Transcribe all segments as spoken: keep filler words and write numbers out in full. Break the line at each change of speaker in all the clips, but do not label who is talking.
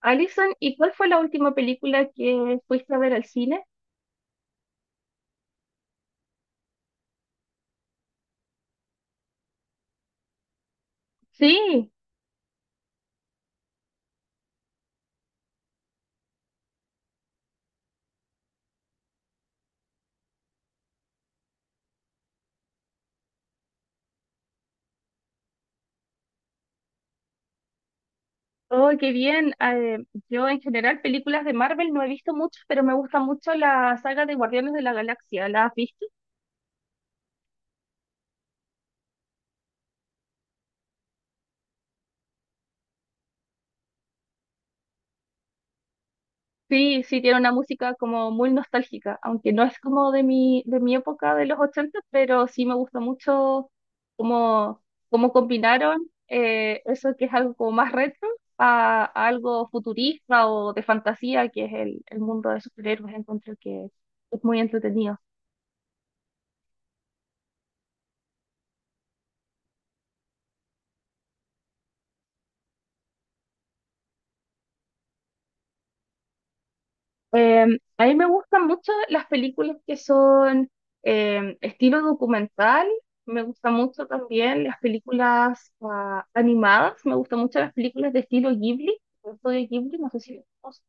Alison, ¿y cuál fue la última película que fuiste a ver al cine? Sí, oh, qué bien. Ah, Eh, yo en general películas de Marvel no he visto muchas, pero me gusta mucho la saga de Guardianes de la Galaxia. ¿La has visto? Sí, sí, tiene una música como muy nostálgica, aunque no es como de mi, de mi época de los ochenta, pero sí me gusta mucho cómo, cómo combinaron eh, eso que es algo como más retro a, a algo futurista o de fantasía, que es el, el mundo de superhéroes. Encuentro que es muy entretenido. Em, a mí me gustan mucho las películas que son em, estilo documental. Me gustan mucho también las películas ah, animadas. Me gustan mucho las películas de estilo Ghibli. El estudio Ghibli, no sé si lo conoces.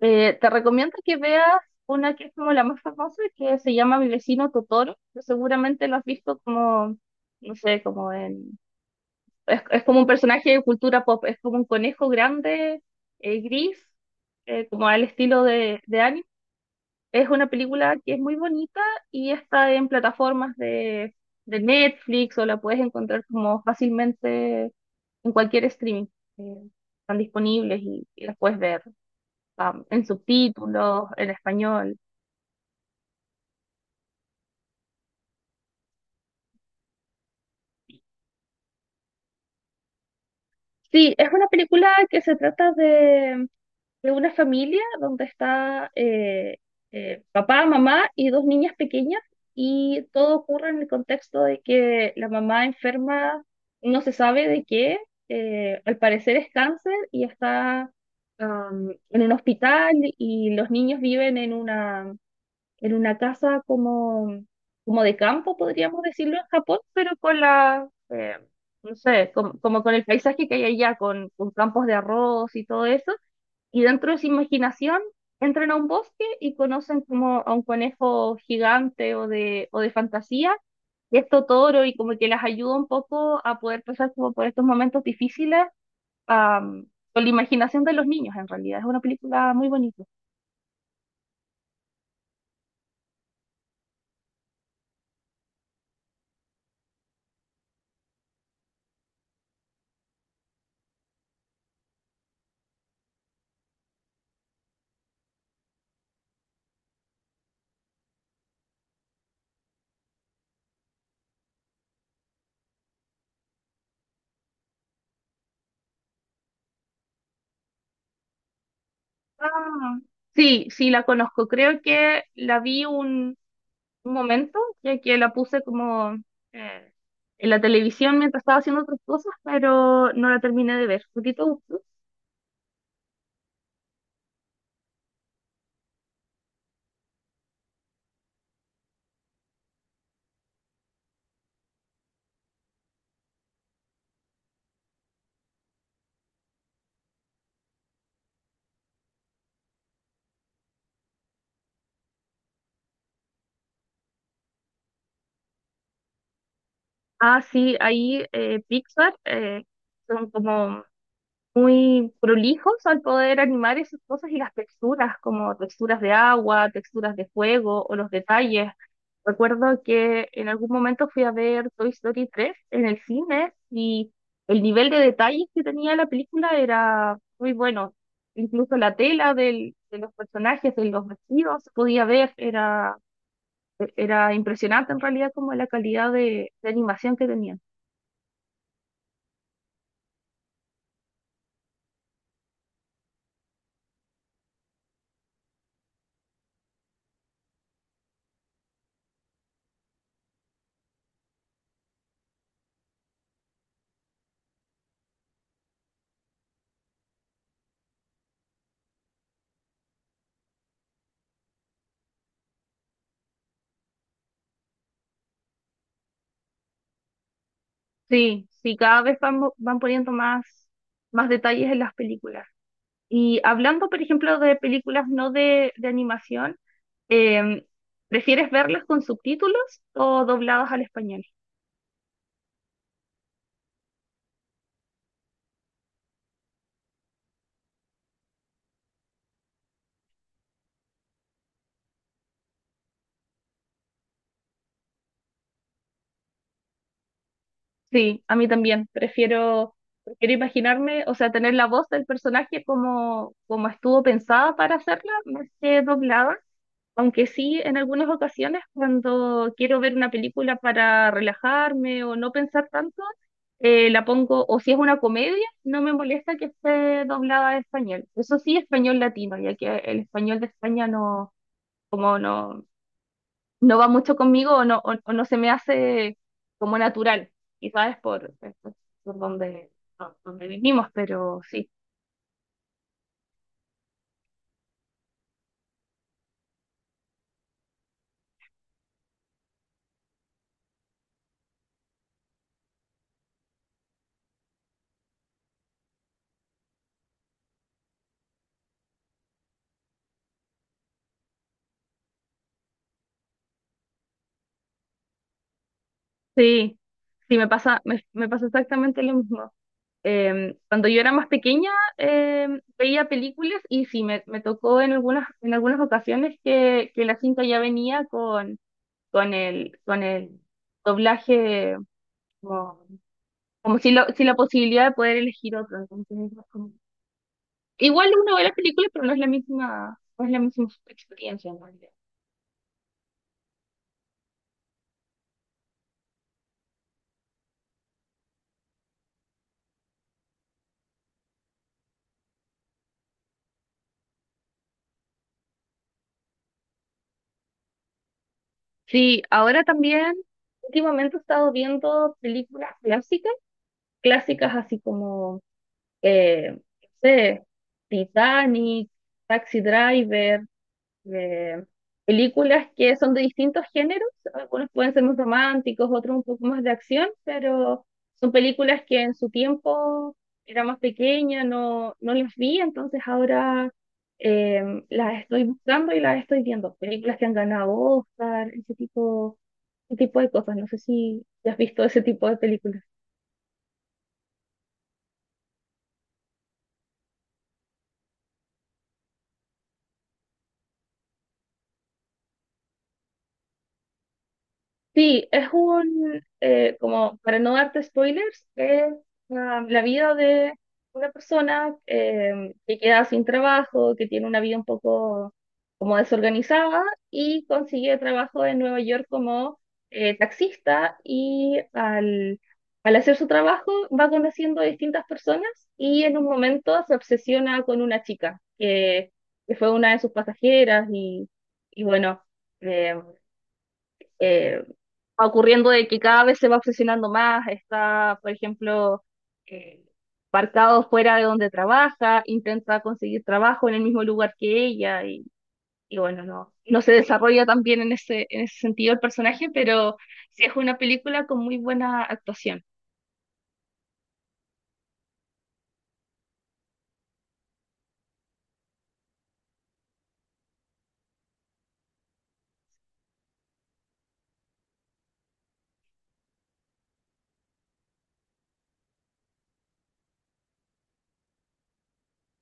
Eh, te recomiendo que veas una que es como la más famosa, que se llama Mi vecino Totoro, que seguramente lo has visto como, no sé, como en... Es, es como un personaje de cultura pop. Es como un conejo grande, eh, gris, eh, como al estilo de, de anime. Es una película que es muy bonita y está en plataformas de, de Netflix, o la puedes encontrar como fácilmente en cualquier streaming. eh, Están disponibles y, y las puedes ver am, en subtítulos, en español. Sí, es una película que se trata de, de una familia donde está eh, eh, papá, mamá y dos niñas pequeñas, y todo ocurre en el contexto de que la mamá enferma, no se sabe de qué, eh, al parecer es cáncer y está am, en un hospital, y los niños viven en una, en una casa como, como de campo, podríamos decirlo, en Japón, pero con la... eh, No sé, como, como con el paisaje que hay allá, con, con campos de arroz y todo eso, y dentro de su imaginación entran a un bosque y conocen como a un conejo gigante o de, o de fantasía, y esto toro, y como que las ayuda un poco a poder pasar como por estos momentos difíciles am, con la imaginación de los niños en realidad. Es una película muy bonita. Ah, sí, sí, la conozco. Creo que la vi un, un momento, ya que la puse como eh, en la televisión mientras estaba haciendo otras cosas, pero no la terminé de ver. ¿A ti te gustó? Ah, sí, ahí eh, Pixar eh, son como muy prolijos al poder animar esas cosas y las texturas, como texturas de agua, texturas de fuego o los detalles. Recuerdo que en algún momento fui a ver Toy Story tres en el cine y el nivel de detalles que tenía la película era muy bueno. Incluso la tela del- de los personajes, de los vestidos, se podía ver, era, era impresionante en realidad como la calidad de de animación que tenía. Sí, sí, cada vez van, van poniendo más, más detalles en las películas. Y hablando, por ejemplo, de películas no de, de animación, em, ¿prefieres verlas con subtítulos o dobladas al español? Sí, a mí también. Prefiero, prefiero imaginarme, o sea, tener la voz del personaje como, como estuvo pensada para hacerla, más que doblada. Aunque sí, en algunas ocasiones, cuando quiero ver una película para relajarme o no pensar tanto, eh, la pongo, o si es una comedia, no me molesta que esté doblada a español. Eso sí, español latino, ya que el español de España no, como no, no va mucho conmigo o no, o, o no se me hace como natural, quizás es por, es por por donde, por donde vivimos, pero sí, sí, sí, me pasa, me, me pasa exactamente lo mismo. Eh, cuando yo era más pequeña, eh, veía películas y sí, me, me tocó en algunas, en algunas ocasiones que, que la cinta ya venía con, con el, con el doblaje, como, como si, lo, si la posibilidad de poder elegir otro. Entonces, igual uno ve la película, pero no es la misma, no es la misma experiencia en realidad. Sí, ahora también, últimamente he estado viendo películas clásicas, clásicas así como, eh, no sé, Titanic, Taxi Driver, eh, películas que son de distintos géneros, algunos pueden ser más románticos, otros un poco más de acción, pero son películas que en su tiempo era más pequeña, no, no las vi, entonces ahora eh, las estoy buscando y las estoy viendo. Películas que han ganado Oscar, ese tipo, ese tipo de cosas. No sé si has visto ese tipo de películas. Sí, es un, eh, como para no darte spoilers, es ah, la vida de una persona eh, que queda sin trabajo, que tiene una vida un poco como desorganizada y consigue trabajo en Nueva York como eh, taxista y al, al hacer su trabajo va conociendo a distintas personas, y en un momento se obsesiona con una chica que, que fue una de sus pasajeras y, y bueno. em, eh, Ocurriendo de que cada vez se va obsesionando más, está, por ejemplo, eh, parcado fuera de donde trabaja, intenta conseguir trabajo en el mismo lugar que ella y, y bueno, no, no se desarrolla tan bien en ese, en ese sentido el personaje, pero sí es una película con muy buena actuación.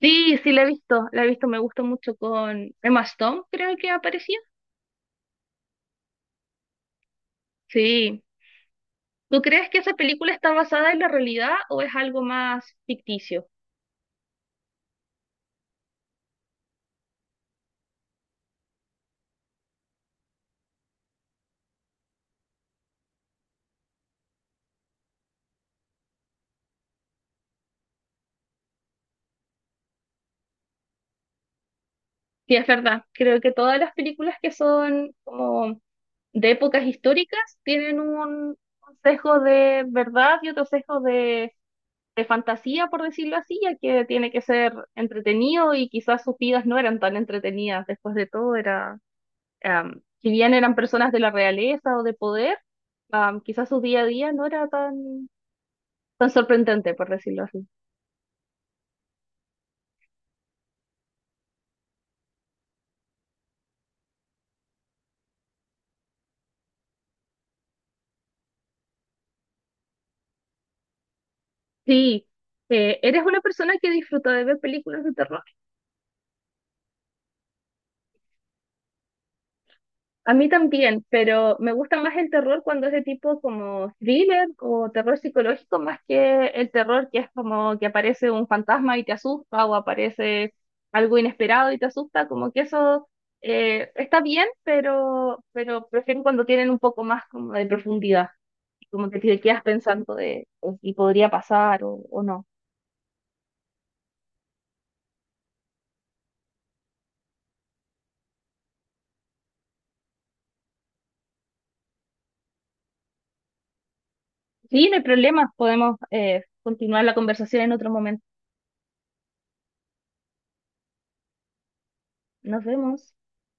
Sí, sí, la he visto, la he visto, me gustó mucho con Emma Stone, creo que aparecía. Sí. ¿Tú crees que esa película está basada en la realidad o es algo más ficticio? Sí, es verdad. Creo que todas las películas que son como de épocas históricas tienen un, un sesgo de verdad y otro sesgo de, de fantasía, por decirlo así, ya que tiene que ser entretenido y quizás sus vidas no eran tan entretenidas. Después de todo, era, em, si bien eran personas de la realeza o de poder, am, quizás su día a día no era tan, tan sorprendente, por decirlo así. Sí, eh, ¿eres una persona que disfruta de ver películas de terror? A mí también, pero me gusta más el terror cuando es de tipo como thriller o terror psicológico más que el terror que es como que aparece un fantasma y te asusta, o aparece algo inesperado y te asusta, como que eso eh, está bien, pero, pero prefiero cuando tienen un poco más como de profundidad, como que te quedas pensando de eh, si podría pasar o, o no. Sí, no hay problema, podemos eh, continuar la conversación en otro momento. Nos vemos.